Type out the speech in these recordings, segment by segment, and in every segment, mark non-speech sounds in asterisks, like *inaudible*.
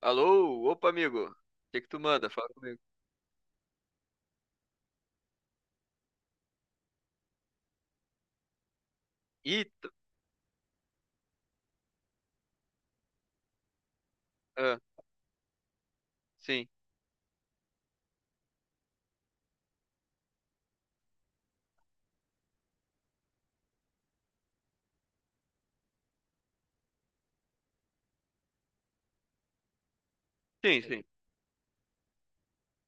Alô? Opa, amigo. O que que tu manda? Fala comigo. Ih, ah, sim. Sim, sim.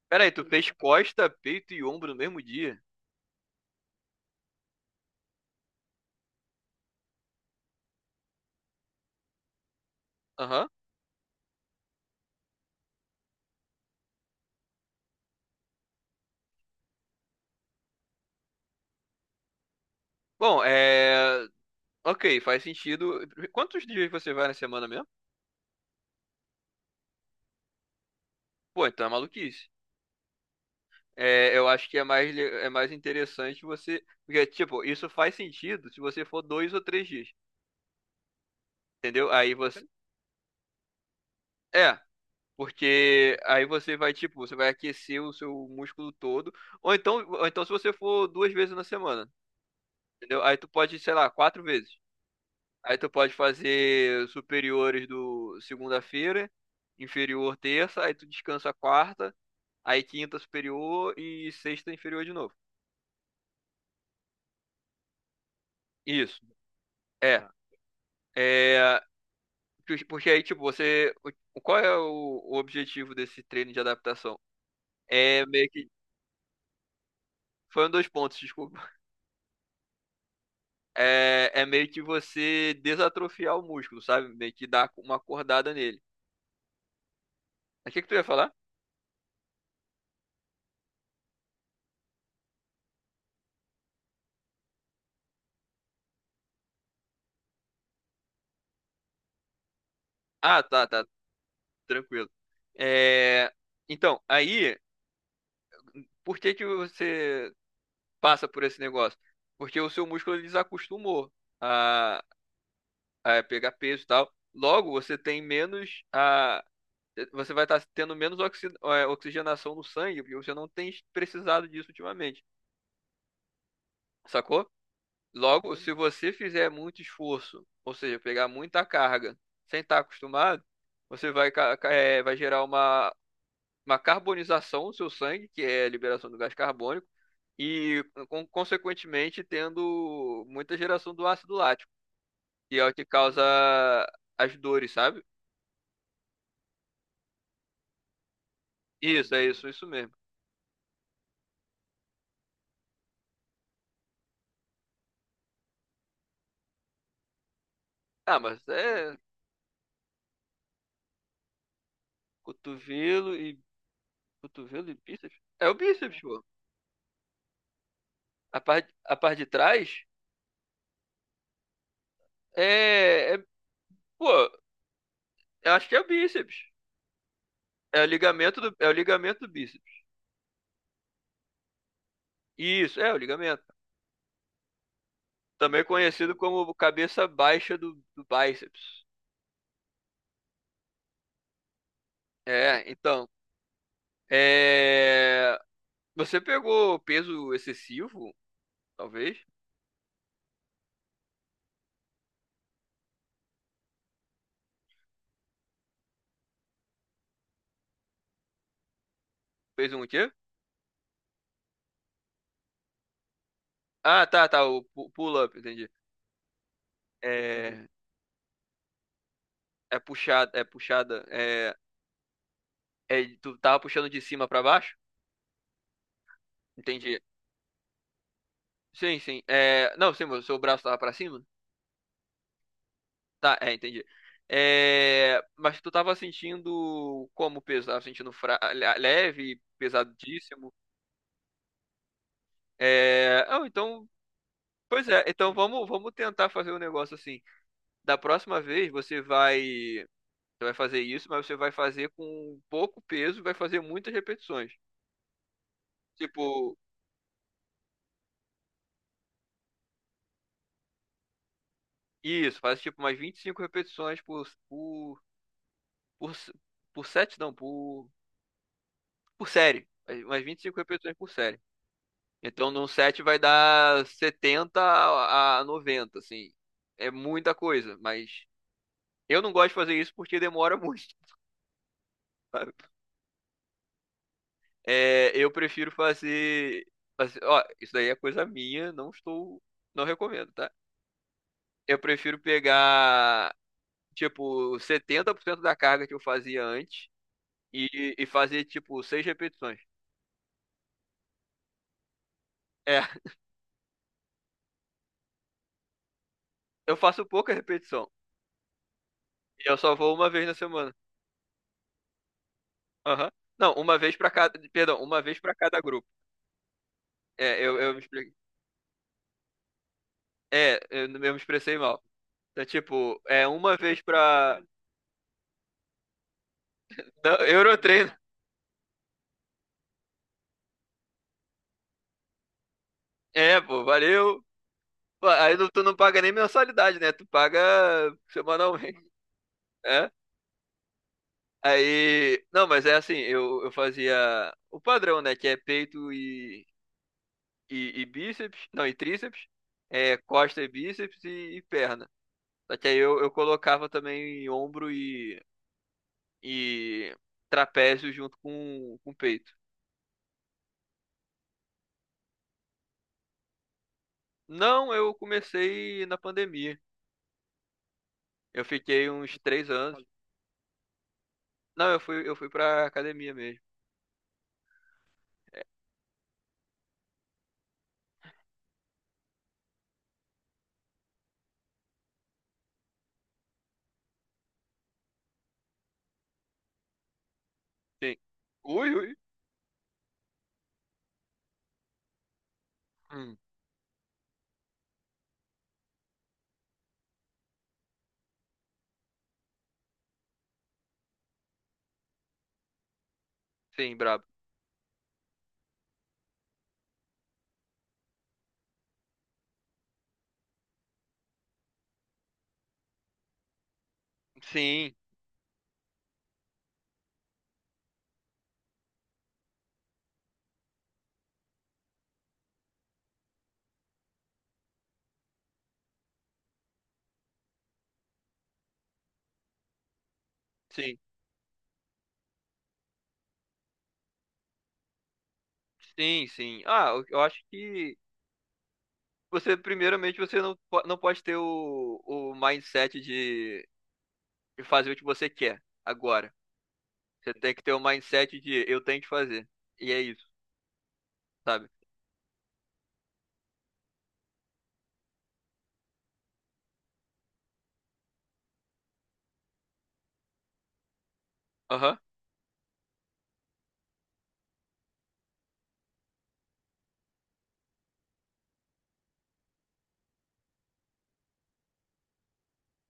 Pera aí, tu fez costa, peito e ombro no mesmo dia? Aham. Bom, Ok, faz sentido. Quantos dias você vai na semana mesmo? Pô, então é maluquice. É, eu acho que é mais, é mais interessante você... Porque, tipo, isso faz sentido se você for dois ou três dias, entendeu? Aí você... É, porque aí você vai, tipo, você vai aquecer o seu músculo todo. Ou então se você for duas vezes na semana. Entendeu? Aí tu pode, sei lá, quatro vezes. Aí tu pode fazer superiores do segunda-feira, inferior terça, aí tu descansa quarta, aí quinta superior e sexta inferior de novo. Isso. É. É. Porque aí, tipo, você. Qual é o objetivo desse treino de adaptação? É meio que. Foi um dos pontos, desculpa. É, é meio que você desatrofiar o músculo, sabe? Meio que dar uma acordada nele. Mas o que que tu ia falar? Ah, tá, tá. Tranquilo. É, então, aí, por que que você passa por esse negócio? Porque o seu músculo ele desacostumou a, a pegar peso e tal. Logo, você tem menos a, você vai estar tendo menos oxigenação no sangue, porque você não tem precisado disso ultimamente, sacou? Logo, se você fizer muito esforço, ou seja, pegar muita carga sem estar acostumado, você vai, vai gerar uma carbonização do seu sangue, que é a liberação do gás carbônico, e consequentemente tendo muita geração do ácido lático, que é o que causa as dores, sabe? Isso, é isso, isso mesmo. Ah, mas é cotovelo e cotovelo e bíceps? É o bíceps, pô. A parte de trás é, pô, eu acho que é o bíceps. É o ligamento do bíceps. Isso, é o ligamento. Também conhecido como cabeça baixa do bíceps. É, então é... Você pegou peso excessivo, talvez? Fez um quê? Ah, tá, tá. O pull-up, entendi. É... é puxada, é puxada. Tu tava puxando de cima pra baixo? Entendi. Sim, sim. É... Não, sim, o seu braço tava pra cima? Tá, é, entendi. É... Mas tu tava sentindo como peso? Tava sentindo leve, pesadíssimo? É... Ah, então, pois é. Então vamos tentar fazer um negócio assim. Da próxima vez você vai. Você vai fazer isso, mas você vai fazer com pouco peso, vai fazer muitas repetições. Tipo, isso, faz tipo umas 25 repetições por, por set, não, por série. Umas vinte e cinco repetições por série. Então, num set vai dar 70 a 90, assim. É muita coisa, mas eu não gosto de fazer isso porque demora *laughs* muito. Sabe? É, eu prefiro Ó, isso daí é coisa minha, não estou. Não recomendo, tá? Eu prefiro pegar tipo, 70% da carga que eu fazia antes e fazer, tipo, 6 repetições. É, *laughs* eu faço pouca repetição. E eu só vou uma vez na semana. Aham. Não, uma vez pra cada. Perdão, uma vez pra cada grupo. É, eu me expliquei. É, eu me expressei mal. Então, tipo, é uma vez pra. Não, Eurotreino. É, pô, valeu. Pô, aí tu não paga nem mensalidade, né? Tu paga semanalmente. É. Aí. Não, mas é assim, eu fazia o padrão, né? Que é peito e bíceps, não, e tríceps, é, costa e bíceps e perna. Só que aí eu colocava também ombro e trapézio junto com peito. Não, eu comecei na pandemia. Eu fiquei uns 3 anos. Não, eu fui pra academia mesmo. Sim. Ui, ui. Hum, sim, brabo. Sim, sim, sim, sim. Ah, eu acho que você, primeiramente, você não pode ter o mindset de e fazer o que você quer agora. Você tem que ter o mindset de eu tenho que fazer. E é isso, sabe? Aham.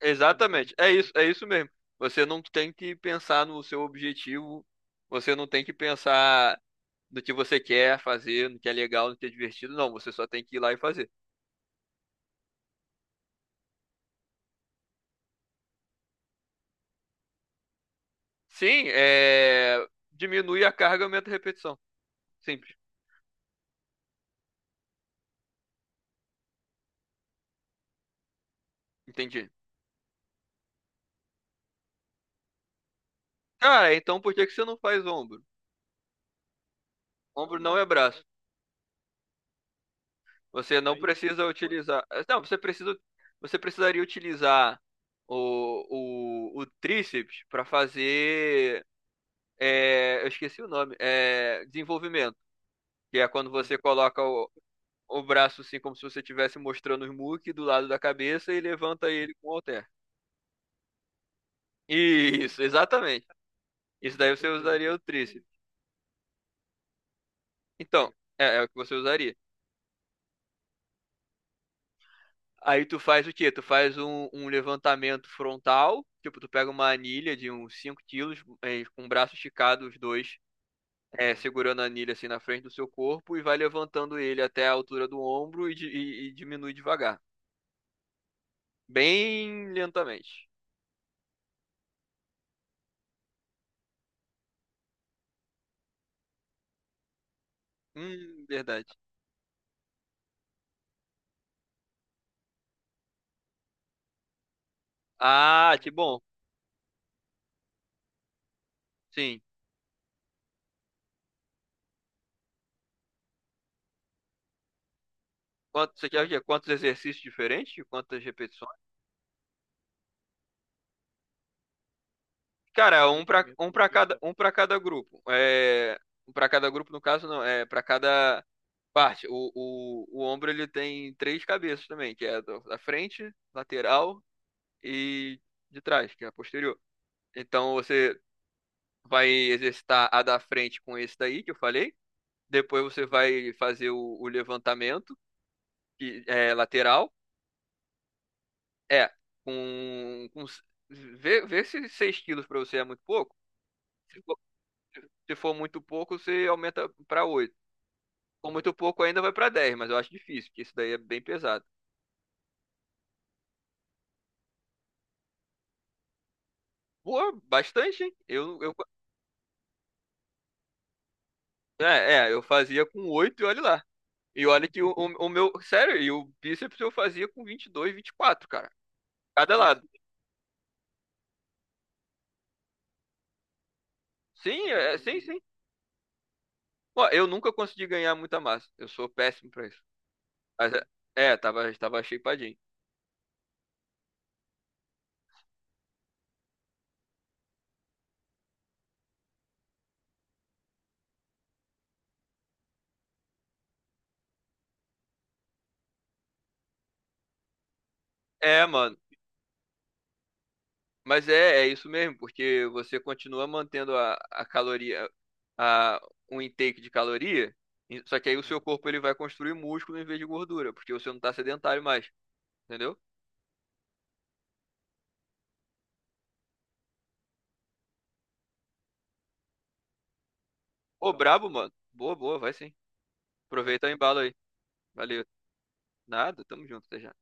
Exatamente. É isso mesmo. Você não tem que pensar no seu objetivo, você não tem que pensar no que você quer fazer, no que é legal, no que é divertido, não. Você só tem que ir lá e fazer. Sim, é... diminui a carga, e aumenta a repetição. Simples. Entendi. Cara, então por que que você não faz ombro? Ombro não é braço. Você não Aí precisa utilizar. Eh, Não, você precisa. Você precisaria utilizar o tríceps para fazer. É, eu esqueci o nome. É, desenvolvimento. Que é quando você coloca o braço assim, como se você estivesse mostrando os muque do lado da cabeça e levanta ele com o halter. Isso, exatamente. Isso daí você usaria o tríceps. Então, é, é o que você usaria. Aí tu faz o quê? Tu faz um levantamento frontal, tipo, tu pega uma anilha de uns 5 kg, com o braço esticado, os dois, segurando a anilha assim na frente do seu corpo e vai levantando ele até a altura do ombro e diminui devagar. Bem lentamente. Verdade. Ah, que bom. Sim. Quanto, você quer o quê? Quantos exercícios diferentes? Quantas repetições? Cara, um para cada grupo. É, um para cada grupo, no caso, não. É para cada. Parte. O ombro ele tem três cabeças também, que é a da frente, lateral e de trás, que é a posterior. Então você vai exercitar a da frente com esse daí que eu falei. Depois você vai fazer o levantamento, que é lateral. É, com vê se 6 kg para você é muito pouco. Se for, se for muito pouco, você aumenta para oito. Com muito pouco ainda vai para dez, mas eu acho difícil, porque isso daí é bem pesado. Pô, bastante, hein? É, é, eu fazia com 8 e olha lá. E olha que o meu. Sério, e o bíceps eu fazia com 22, 24, cara. Cada lado. Sim, é, sim, sim. Ó, eu nunca consegui ganhar muita massa. Eu sou péssimo pra isso. Mas é, é, tava, tava shapeadinho. É, mano. Mas é, é isso mesmo, porque você continua mantendo a caloria, a, um intake de caloria, só que aí o seu corpo ele vai construir músculo em vez de gordura, porque você não tá sedentário mais, entendeu? Ô, brabo, mano. Boa, boa, vai sim. Aproveita o embalo aí. Valeu. Nada, tamo junto, até já.